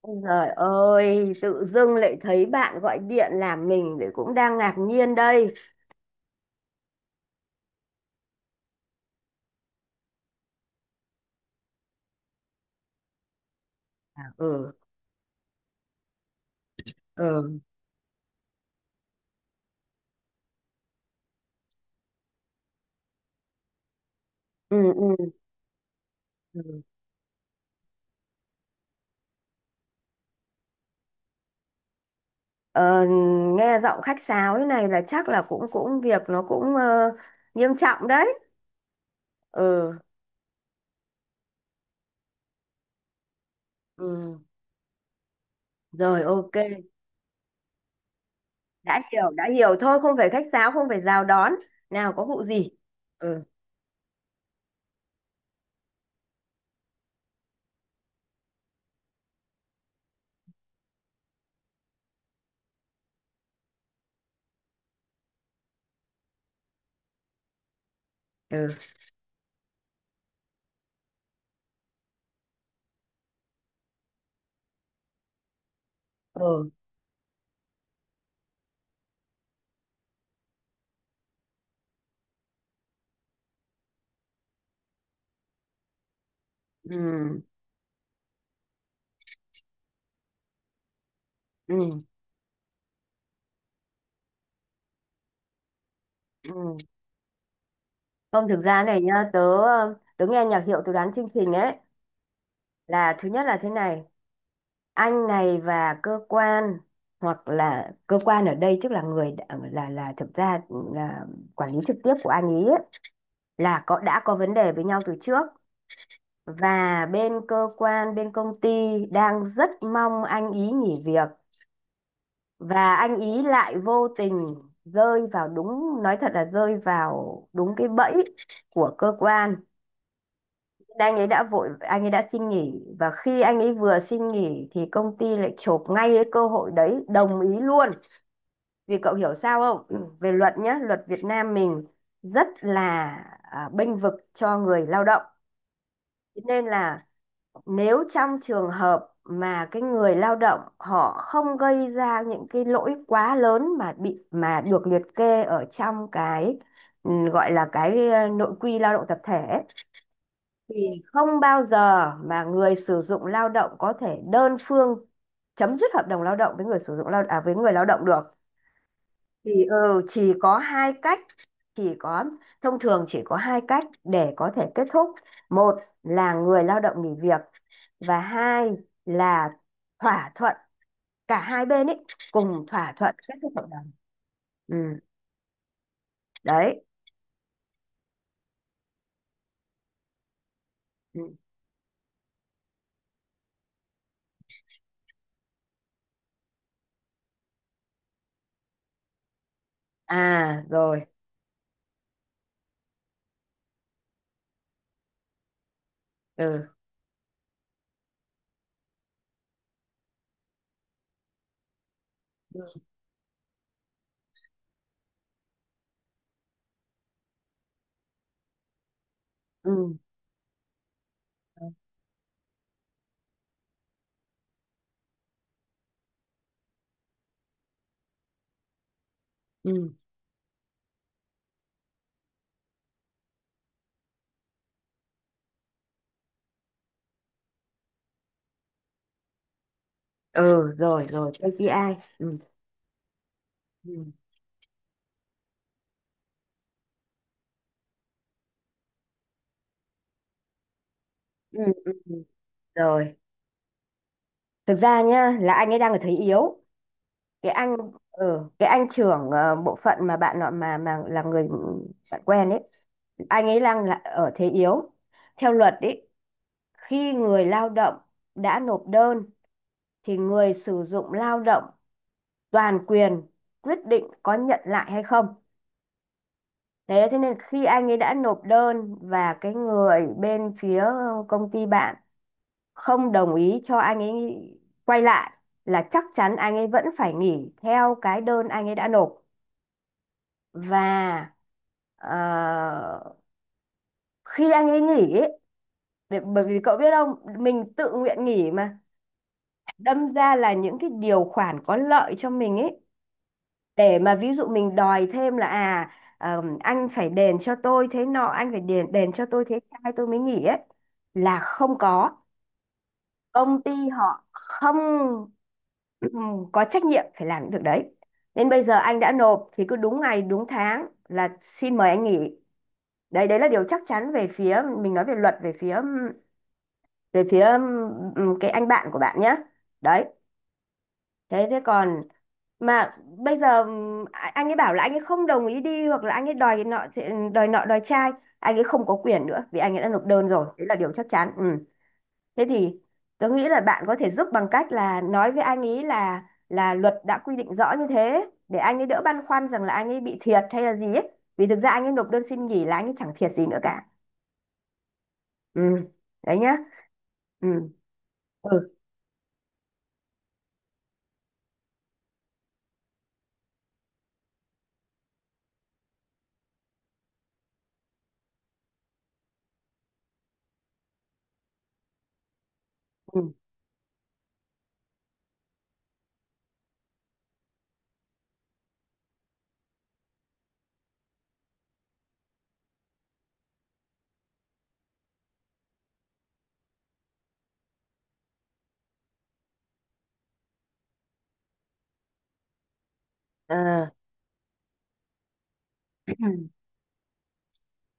Ôi Trời ơi, tự dưng lại thấy bạn gọi điện làm mình để cũng đang ngạc nhiên đây. Ừ. Ừ. Ừ. Ừ. Ừ. Ờ, Nghe giọng khách sáo thế này là chắc là cũng cũng việc nó cũng nghiêm trọng đấy. Ừ. Ừ, rồi ok, đã hiểu thôi, không phải khách sáo, không phải chào đón. Nào có vụ gì? Ừ. Ừ. Ừ. Ừ. Ừ. Ừ. Không, thực ra này nhá, tớ nghe nhạc hiệu tớ đoán chương trình ấy, là thứ nhất là thế này, anh này và cơ quan, hoặc là cơ quan ở đây tức là là thực ra là quản lý trực tiếp của anh ý ấy, là có đã có vấn đề với nhau từ trước, và bên cơ quan bên công ty đang rất mong anh ý nghỉ việc, và anh ý lại vô tình rơi vào đúng, nói thật là rơi vào đúng cái bẫy của cơ quan. Anh ấy đã vội, anh ấy đã xin nghỉ, và khi anh ấy vừa xin nghỉ thì công ty lại chộp ngay cái cơ hội đấy, đồng ý luôn. Vì cậu hiểu sao không? Ừ. Về luật nhá, luật Việt Nam mình rất là bênh vực cho người lao động. Thế nên là nếu trong trường hợp mà cái người lao động họ không gây ra những cái lỗi quá lớn mà bị mà được liệt kê ở trong cái gọi là cái nội quy lao động tập thể ấy, thì không bao giờ mà người sử dụng lao động có thể đơn phương chấm dứt hợp đồng lao động với người sử dụng lao à với người lao động được. Thì chỉ có hai cách, chỉ có, thông thường chỉ có hai cách để có thể kết thúc: một là người lao động nghỉ việc, và hai là thỏa thuận, cả hai bên ấy cùng thỏa thuận kết thúc hợp đồng. Ừ, đấy. Ừ. À rồi. Ừ. Ừ. Ừ. Ừ. Rồi rồi KPI. Ừ. Ừ. Ừ. Ừ, ừ. Rồi, thực ra nhá là anh ấy đang ở thế yếu, cái anh, ừ, cái anh trưởng bộ phận mà bạn nọ mà là người bạn quen ấy, anh ấy đang là ở thế yếu theo luật ấy. Khi người lao động đã nộp đơn thì người sử dụng lao động toàn quyền quyết định có nhận lại hay không. Thế thế nên khi anh ấy đã nộp đơn và cái người bên phía công ty bạn không đồng ý cho anh ấy quay lại, là chắc chắn anh ấy vẫn phải nghỉ theo cái đơn anh ấy đã nộp. Và ờ, khi anh ấy nghỉ ấy, để, bởi vì cậu biết không, mình tự nguyện nghỉ mà, đâm ra là những cái điều khoản có lợi cho mình ấy, để mà ví dụ mình đòi thêm là anh phải đền cho tôi thế nọ, anh phải đền đền cho tôi thế trai tôi mới nghỉ ấy, là không có. Công ty họ không có trách nhiệm phải làm những việc đấy, nên bây giờ anh đã nộp thì cứ đúng ngày đúng tháng là xin mời anh nghỉ. Đấy, đấy là điều chắc chắn về phía mình, nói về luật, về phía cái anh bạn của bạn nhé. Đấy. Thế thế còn, mà bây giờ anh ấy bảo là anh ấy không đồng ý đi, hoặc là anh ấy đòi nọ đòi nọ đòi trai, anh ấy không có quyền nữa vì anh ấy đã nộp đơn rồi. Đấy là điều chắc chắn. Ừ. Thế thì tớ nghĩ là bạn có thể giúp bằng cách là nói với anh ấy là luật đã quy định rõ như thế, để anh ấy đỡ băn khoăn rằng là anh ấy bị thiệt hay là gì ấy, vì thực ra anh ấy nộp đơn xin nghỉ là anh ấy chẳng thiệt gì nữa cả. Ừ, đấy nhá. Ừ. Ừ. Ừ. À.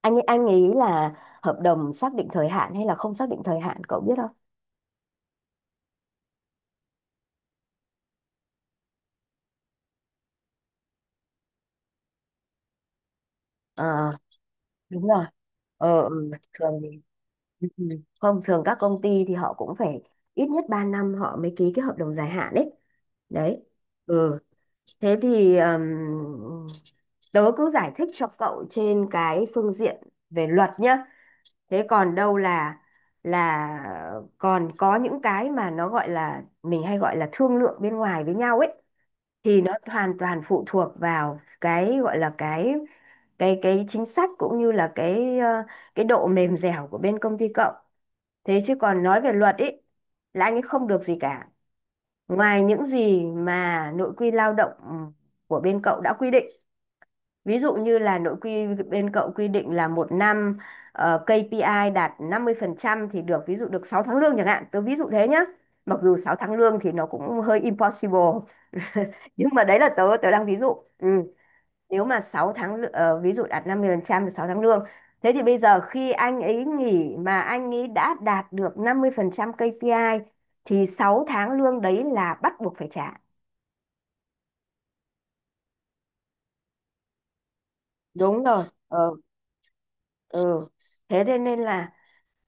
Anh nghĩ là hợp đồng xác định thời hạn hay là không xác định thời hạn, cậu biết không? ờ Đúng rồi. Ừ, thường thì, ừ, ừ, không, thường các công ty thì họ cũng phải ít nhất 3 năm họ mới ký cái hợp đồng dài hạn đấy. Đấy. Ừ, thế thì tớ cứ giải thích cho cậu trên cái phương diện về luật nhá. Thế còn đâu là còn có những cái mà nó gọi là mình hay gọi là thương lượng bên ngoài với nhau ấy, thì nó hoàn toàn phụ thuộc vào cái gọi là cái chính sách cũng như là cái cái độ mềm dẻo của bên công ty cậu. Thế chứ còn nói về luật ấy là anh ấy không được gì cả, ngoài những gì mà nội quy lao động của bên cậu đã quy định. Ví dụ như là nội quy bên cậu quy định là một năm, KPI đạt 50% thì được, ví dụ được 6 tháng lương chẳng hạn. Tớ ví dụ thế nhá. Mặc dù 6 tháng lương thì nó cũng hơi impossible, nhưng mà đấy là tớ tớ đang ví dụ. Ừ. Nếu mà 6 tháng lư- ờ, ví dụ đạt 50% là 6 tháng lương. Thế thì bây giờ khi anh ấy nghỉ mà anh ấy đã đạt được 50% KPI thì 6 tháng lương đấy là bắt buộc phải trả. Đúng rồi. Ờ, ừ. Thế thế nên là,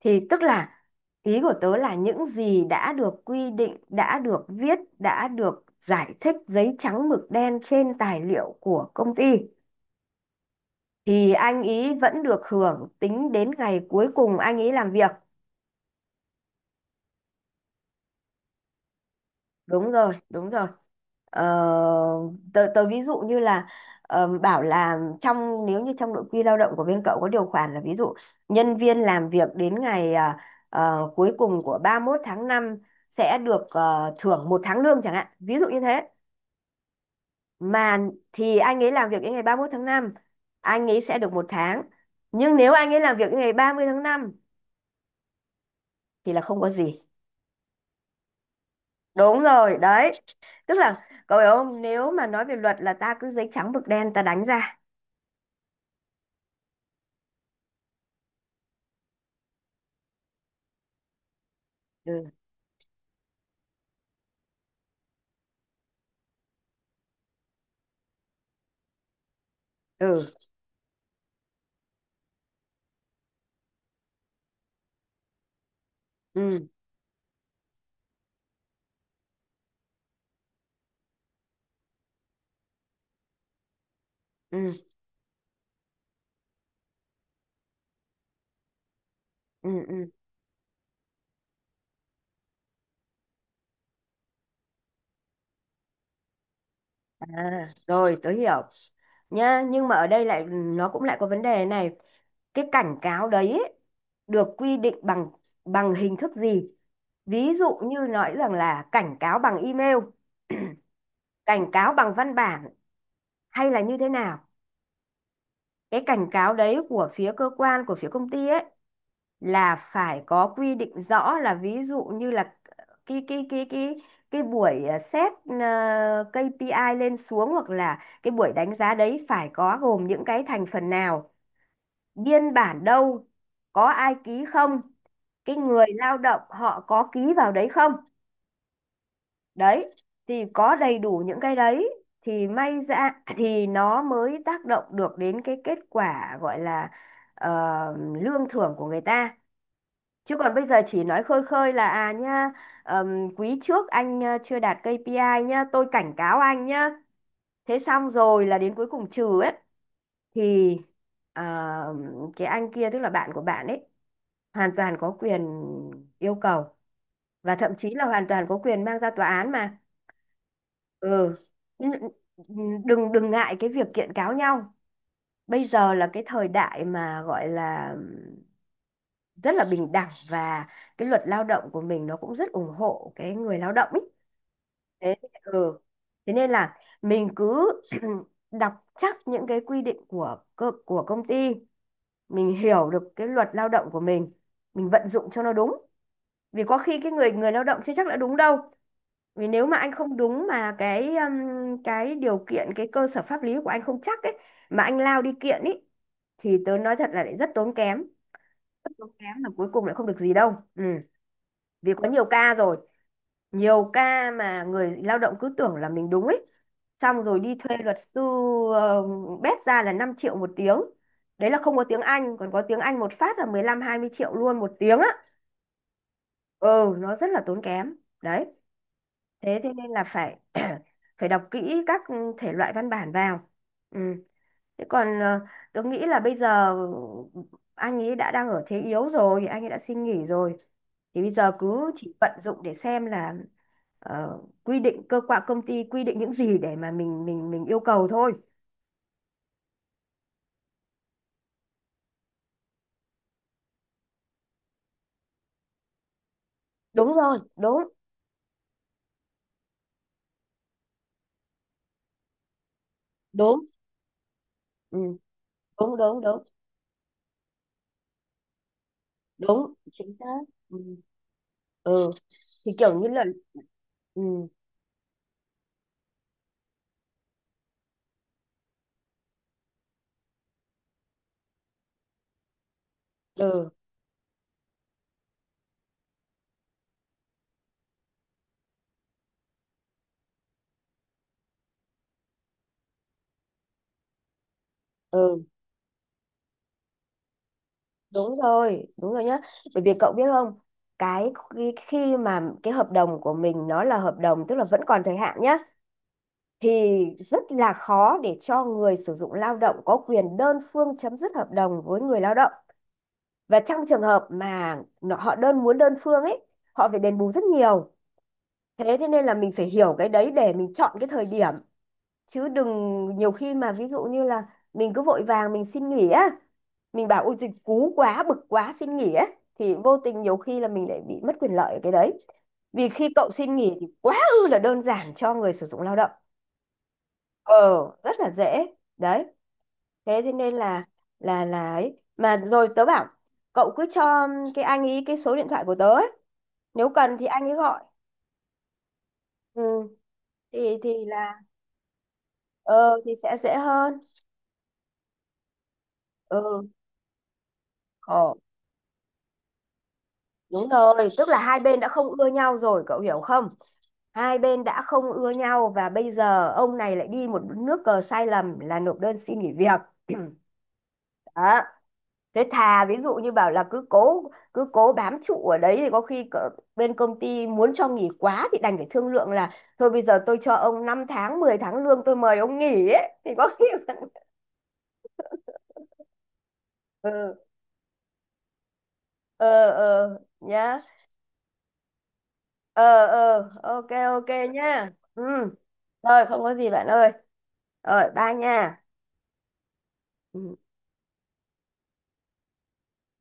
thì tức là, ý của tớ là những gì đã được quy định, đã được viết, đã được giải thích giấy trắng mực đen trên tài liệu của công ty thì anh ý vẫn được hưởng tính đến ngày cuối cùng anh ý làm việc. Đúng rồi. Đúng rồi. Ờ, tớ ví dụ như là bảo là, nếu như trong nội quy lao động của bên cậu có điều khoản là, ví dụ nhân viên làm việc đến ngày cuối cùng của 31 tháng 5 sẽ được thưởng một tháng lương chẳng hạn, ví dụ như thế. Mà thì anh ấy làm việc đến ngày 31 tháng 5 anh ấy sẽ được một tháng, nhưng nếu anh ấy làm việc đến ngày 30 tháng 5 thì là không có gì. Đúng rồi, đấy, tức là cậu hiểu không, nếu mà nói về luật là ta cứ giấy trắng mực đen ta đánh ra. Ừ. Ừ. Ừ. Ừ. Ừ. Ừ. À rồi tớ hiểu nhá, nhưng mà ở đây lại nó cũng lại có vấn đề này: cái cảnh cáo đấy ấy, được quy định bằng bằng hình thức gì? Ví dụ như nói rằng là cảnh cáo bằng email, cảnh cáo bằng văn bản, hay là như thế nào. Cái cảnh cáo đấy của phía cơ quan, của phía công ty ấy, là phải có quy định rõ, là ví dụ như là cái cái buổi xét, à, i lên xuống, hoặc là cái buổi đánh giá đấy phải có gồm những cái thành phần nào, biên bản đâu, có ai ký không, cái người lao động họ có ký vào đấy không? Đấy, thì có đầy đủ những cái đấy thì may ra, thì nó mới tác động được đến cái kết quả gọi là ờ, lương thưởng của người ta. Chứ còn bây giờ chỉ nói khơi khơi là, nha, quý trước anh chưa đạt KPI nhá, tôi cảnh cáo anh nhá. Thế xong rồi là đến cuối cùng trừ ấy, thì ờ, cái anh kia tức là bạn của bạn ấy hoàn toàn có quyền yêu cầu, và thậm chí là hoàn toàn có quyền mang ra tòa án mà. Ừ. N- Đừng đừng ngại cái việc kiện cáo nhau. Bây giờ là cái thời đại mà gọi là rất là bình đẳng, và cái luật lao động của mình nó cũng rất ủng hộ cái người lao động ý. Thế, ừ. Thế nên là mình cứ đọc chắc những cái quy định của của công ty, mình hiểu được cái luật lao động của mình vận dụng cho nó đúng. Vì có khi cái người người lao động chưa chắc đã đúng đâu. Vì nếu mà anh không đúng, mà cái điều kiện, cái cơ sở pháp lý của anh không chắc ấy, mà anh lao đi kiện ấy, thì tớ nói thật là lại rất tốn kém, rất tốn kém, là cuối cùng lại không được gì đâu. Ừ. Vì có nhiều ca rồi, nhiều ca mà người lao động cứ tưởng là mình đúng ấy, xong rồi đi thuê luật sư. ờ, Bét ra là 5 triệu một tiếng. Đấy là không có tiếng Anh, còn có tiếng Anh một phát là 15-20 triệu luôn một tiếng á. Ừ, nó rất là tốn kém. Đấy. Thế thế nên là phải phải đọc kỹ các thể loại văn bản vào. Ừ. Thế còn tớ nghĩ là bây giờ anh ấy đã đang ở thế yếu rồi, anh ấy đã xin nghỉ rồi. Thì bây giờ cứ chỉ vận dụng để xem là quy định cơ quan, công ty quy định những gì để mà mình yêu cầu thôi. Đúng rồi. Đúng. Đúng. Ừ. Đúng. Đúng. Đúng. Đúng chính xác. Ừ. Ừ, thì kiểu như là. Ừ. Ừ. Ừ. Đúng rồi, đúng rồi nhá. Bởi vì cậu biết không, cái khi khi mà cái hợp đồng của mình nó là hợp đồng tức là vẫn còn thời hạn nhá, thì rất là khó để cho người sử dụng lao động có quyền đơn phương chấm dứt hợp đồng với người lao động. Và trong trường hợp mà họ đơn muốn đơn phương ấy, họ phải đền bù rất nhiều. Thế thế nên là mình phải hiểu cái đấy để mình chọn cái thời điểm, chứ đừng, nhiều khi mà ví dụ như là mình cứ vội vàng mình xin nghỉ á, mình bảo ôi dịch cú quá, bực quá, xin nghỉ á, thì vô tình nhiều khi là mình lại bị mất quyền lợi ở cái đấy. Vì khi cậu xin nghỉ thì quá ư là đơn giản cho người sử dụng lao động. ờ Rất là dễ. Đấy. Thế thế nên là, là ấy mà, rồi tớ bảo cậu cứ cho cái anh ấy cái số điện thoại của tớ ấy. Nếu cần thì anh ấy gọi. Ừ. thì là ờ thì sẽ dễ hơn. Ừ. Ờ. Đúng rồi, tức là hai bên đã không ưa nhau rồi, cậu hiểu không? Hai bên đã không ưa nhau và bây giờ ông này lại đi một nước cờ sai lầm là nộp đơn xin nghỉ việc. Đó. Thế thà ví dụ như bảo là cứ cố, cứ cố bám trụ ở đấy thì có khi bên công ty muốn cho nghỉ quá thì đành phải thương lượng là, thôi bây giờ tôi cho ông 5 tháng 10 tháng lương, tôi mời ông nghỉ ấy. Thì có khi ừ, ờ ờ nhá. Ờ ờ ok ok nha. Ừ, rồi, không có gì bạn ơi, rồi ba nha. Ừ.